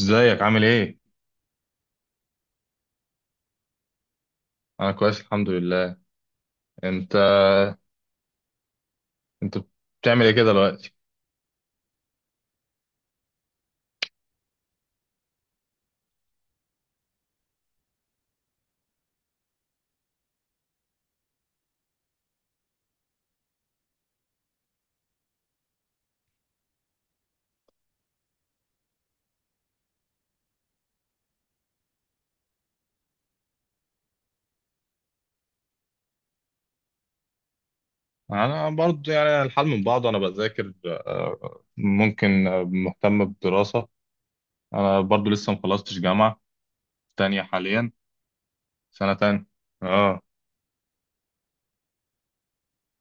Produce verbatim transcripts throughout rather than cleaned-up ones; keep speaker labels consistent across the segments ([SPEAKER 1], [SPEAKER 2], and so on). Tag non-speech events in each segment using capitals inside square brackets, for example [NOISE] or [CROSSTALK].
[SPEAKER 1] ازيك عامل ايه؟ انا كويس الحمد لله. انت انت بتعمل ايه كده دلوقتي؟ انا برضه يعني الحال من بعضه، انا بذاكر، آه، ممكن، آه، مهتم بالدراسة. انا برضه لسه مخلصتش جامعة تانية حاليا، سنة تانية. اه.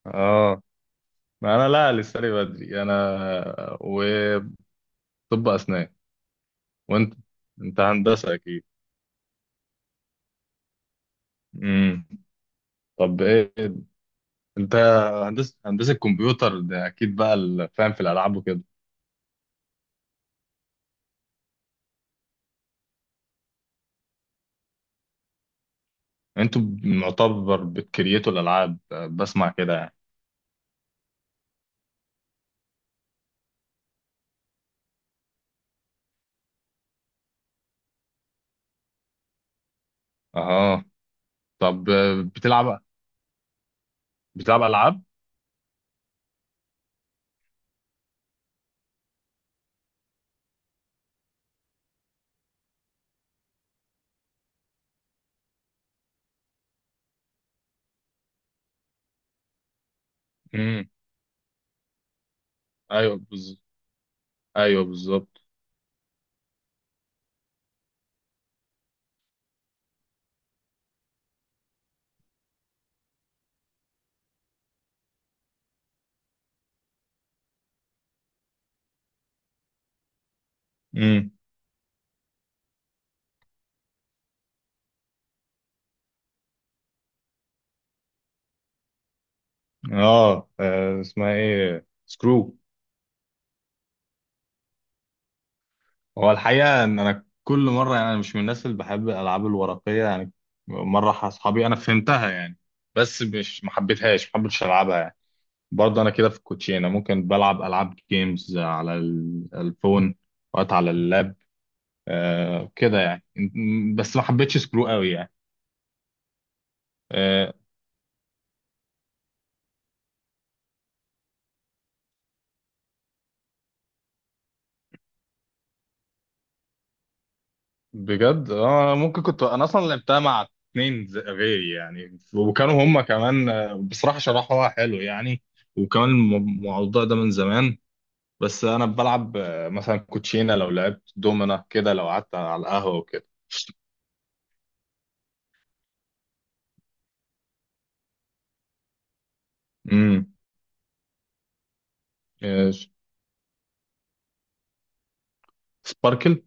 [SPEAKER 1] اه. انا لا، لسه لي بدري انا. آه، وطب، اسنان. وانت انت هندسة اكيد. امم. طب ايه؟ انت هندسة، هندسة كمبيوتر ده اكيد بقى ال- فاهم في الالعاب وكده. انتوا معتبر بتكريتوا الالعاب، آه، بسمع كده يعني. اها. طب، آه، بتلعب بتلعب العاب. امم. ايوه بالظبط. ايوه بالظبط. امم. اه، آه، اسمها ايه سكرو؟ هو الحقيقه ان انا كل مره يعني انا مش من الناس اللي بحب الالعاب الورقيه يعني. مره ح- اصحابي انا فهمتها يعني. بس مش، ما حبيتهاش، ما حبيتش العبها يعني. برضه انا كده في الكوتشينه، ممكن بلعب العاب جيمز على ال- الفون، وقت على اللاب. آه كده يعني، م- بس ما حبيتش سكرو قوي يعني. آه. بجد. اه، ممكن كنت انا اصلا لعبتها مع اتنين ز- غيري يعني، وكانوا هما كمان، آه، بصراحة شرحوها حلو يعني. وكمان الم- الموضوع ده من زمان. بس انا بلعب، آه، مثلا كوتشينة، لو لعبت دومنا كده لو قعدت على القهوة وكده. امم. سباركل.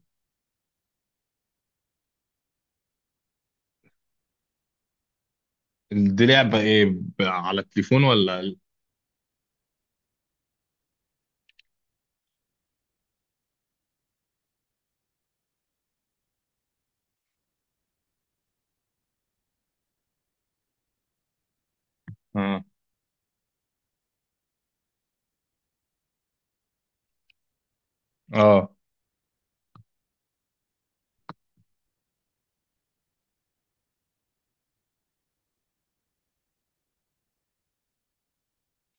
[SPEAKER 1] دي لعبة ايه؟ ب- على التليفون ولا؟ اه، اه.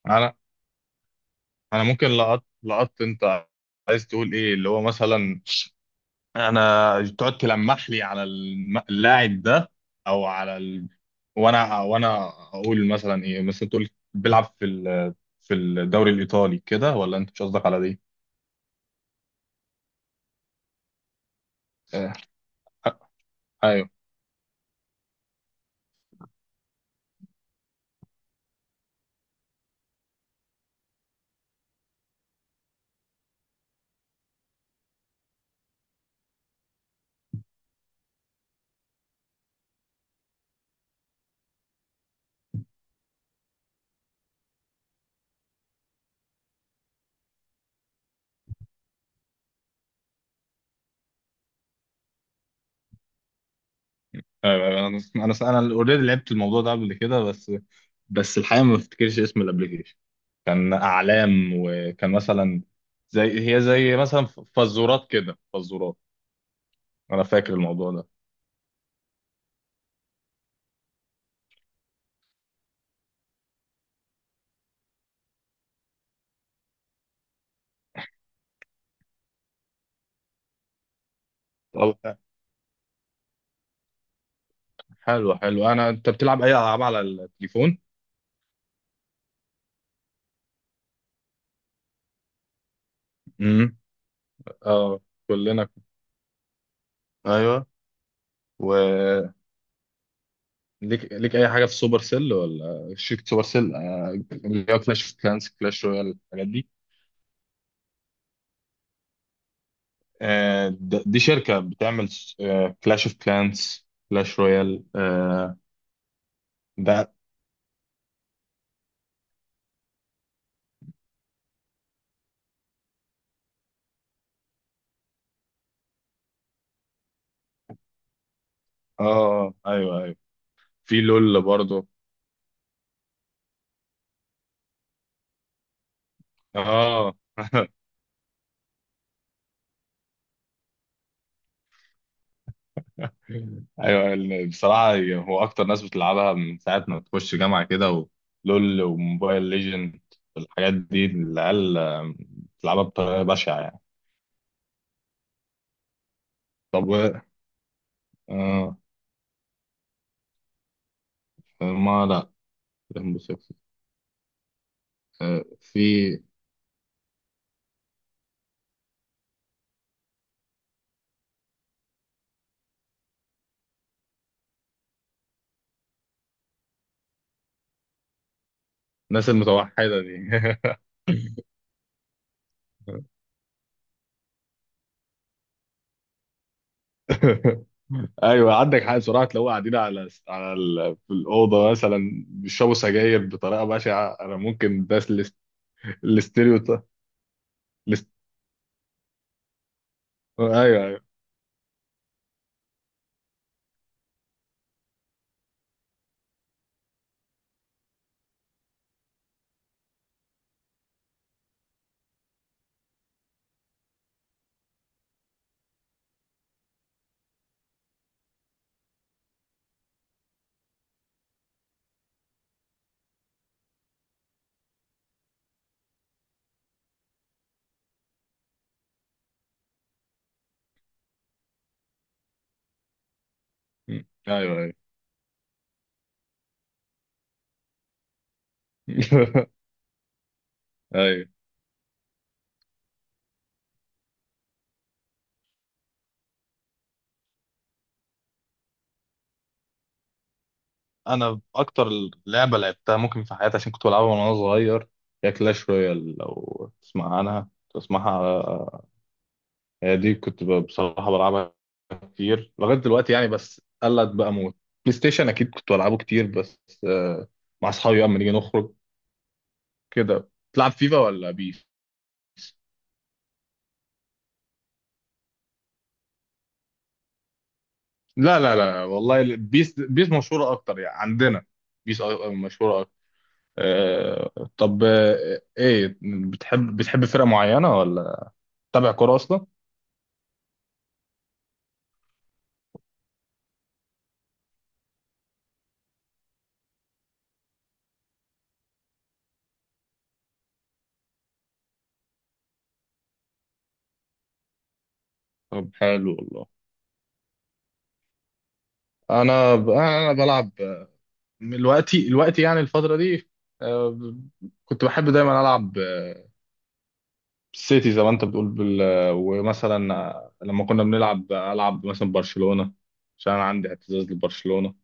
[SPEAKER 1] انا انا ممكن لقط لقطت انت عايز تقول ايه اللي هو مثلا. انا تقعد تلمح لي على الم- اللاعب ده، او على ال... وانا وانا اقول مثلا ايه، مثلا تقول بيلعب في ال... في الدوري الايطالي كده، ولا انت مش قصدك على دي؟ آه، ايوه، ايوه، أيوة. انا انا انا اوريدي لعبت الموضوع ده قبل كده بس. بس الحقيقه ما بفتكرش اسم الابلكيشن. كان اعلام، وكان مثلا زي هي زي مثلا، فزورات كده فزورات. انا فاكر الموضوع ده. طب، حلو حلو. انا انت بتلعب اي العاب على التليفون؟ اه. كلنا كنا- ايوه. وليك ليك اي حاجه في سوبر سيل، ولا شركه سوبر سيل يعني؟ اللي هو كلاش اوف كلانس، كلاش رويال، الحاجات دي. آه، د- دي شركة بتعمل كلاش اوف كلانس، كلاش رويال، آه، ده. اه، آه، ايوه، ايوه. في لول برضه. اه. [LAUGHS] ايوه. ال- بصراحة هو اكتر ناس بتلعبها من ساعة ما تخش جامعة كده، ولول، وموبايل ليجند، الحاجات دي العيال، آه، بتلعبها بطريقة بشعة يعني. طب. آه آه، ما لا، رهن بالشخص. آه في الناس المتوحدة دي. [LAUGHS] ايوه، عندك حق بصراحه. لو قاعدين على على ال... في الاوضه مثلا بيشربوا سجاير بطريقه بشعه، انا ممكن ده الاست... الاستيريو الاست... ايوه، ايوه. م. ايوه، ايوه. [LAUGHS] ايوه. انا اكتر لعبه لعبتها ممكن في حياتي عشان كنت بلعبها وانا صغير، هي كلاش رويال، لو تسمع عنها تسمعها. هي دي كنت ب- بصراحة بلعبها كتير لغاية دلوقتي يعني، بس قلت بقى موت. بلاي ستيشن أكيد كنت بلعبه كتير، بس، آه، مع أصحابي أما نيجي نخرج كده. تلعب فيفا ولا بيس؟ لا، لا، لا والله. ال- بيس، بيس مشهورة أكتر يعني عندنا. بيس أ- مشهورة أكتر. آه، طب، آه، إيه؟ بتحب بتحب فرقة معينة ولا تتابع كورة أصلا؟ طب حلو والله. أنا ب- أنا بلعب، آه، دلوقتي دلوقتي يعني الفترة دي، آه، ب- كنت بحب دايما ألعب، آه، سيتي زي ما انت بتقول بال... ومثلا لما كنا بنلعب العب مثلا برشلونة، عشان انا عندي اعتزاز لبرشلونة.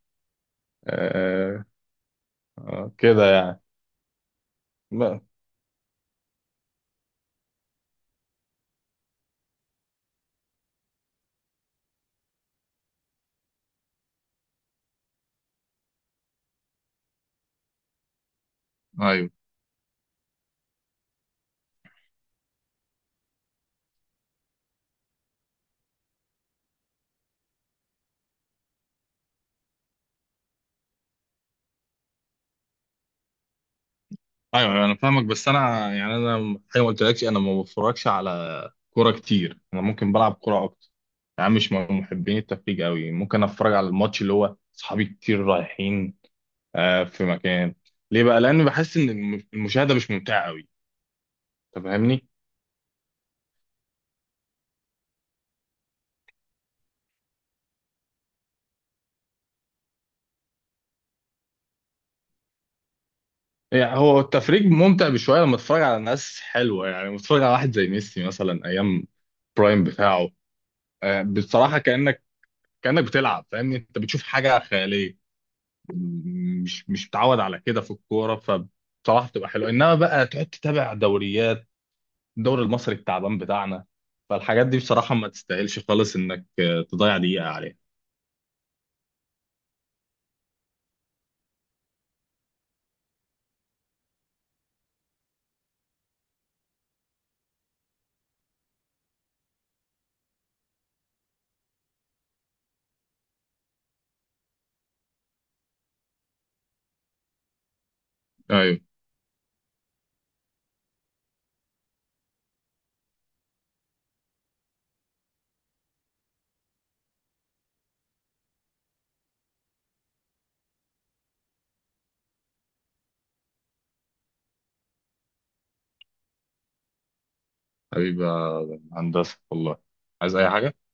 [SPEAKER 1] آه... آه... كده يعني ما... ايوه، ايوه، انا فاهمك، بس انا يعني انا زي ما قلت لكش انا ما بتفرجش على كوره كتير. انا ممكن بلعب كوره اكتر. يعني مش من محبين التفريج قوي، ممكن اتفرج على الماتش اللي هو صحابي كتير رايحين آه في مكان. ليه بقى؟ لان بحس ان الم- المشاهده مش ممتعه قوي. انت فاهمني. يعني هو التفريج ممتع بشويه لما تتفرج على ناس حلوه، يعني لما تتفرج على واحد زي ميسي مثلا ايام برايم بتاعه، آه، بصراحه كانك، كانك بتلعب، فاهمني؟ انت بتشوف حاجه خياليه، م- مش مش متعود على كده في الكوره، فبصراحه بتبقى حلوه. انما بقى تقعد تتابع دوريات الدوري المصري التعبان بتاعنا، فالحاجات دي بصراحه ما تستاهلش خالص انك، آه، تضيع دقيقه عليها. ايوه. حبيبي يا هندسه والله. عايز اي حاجه.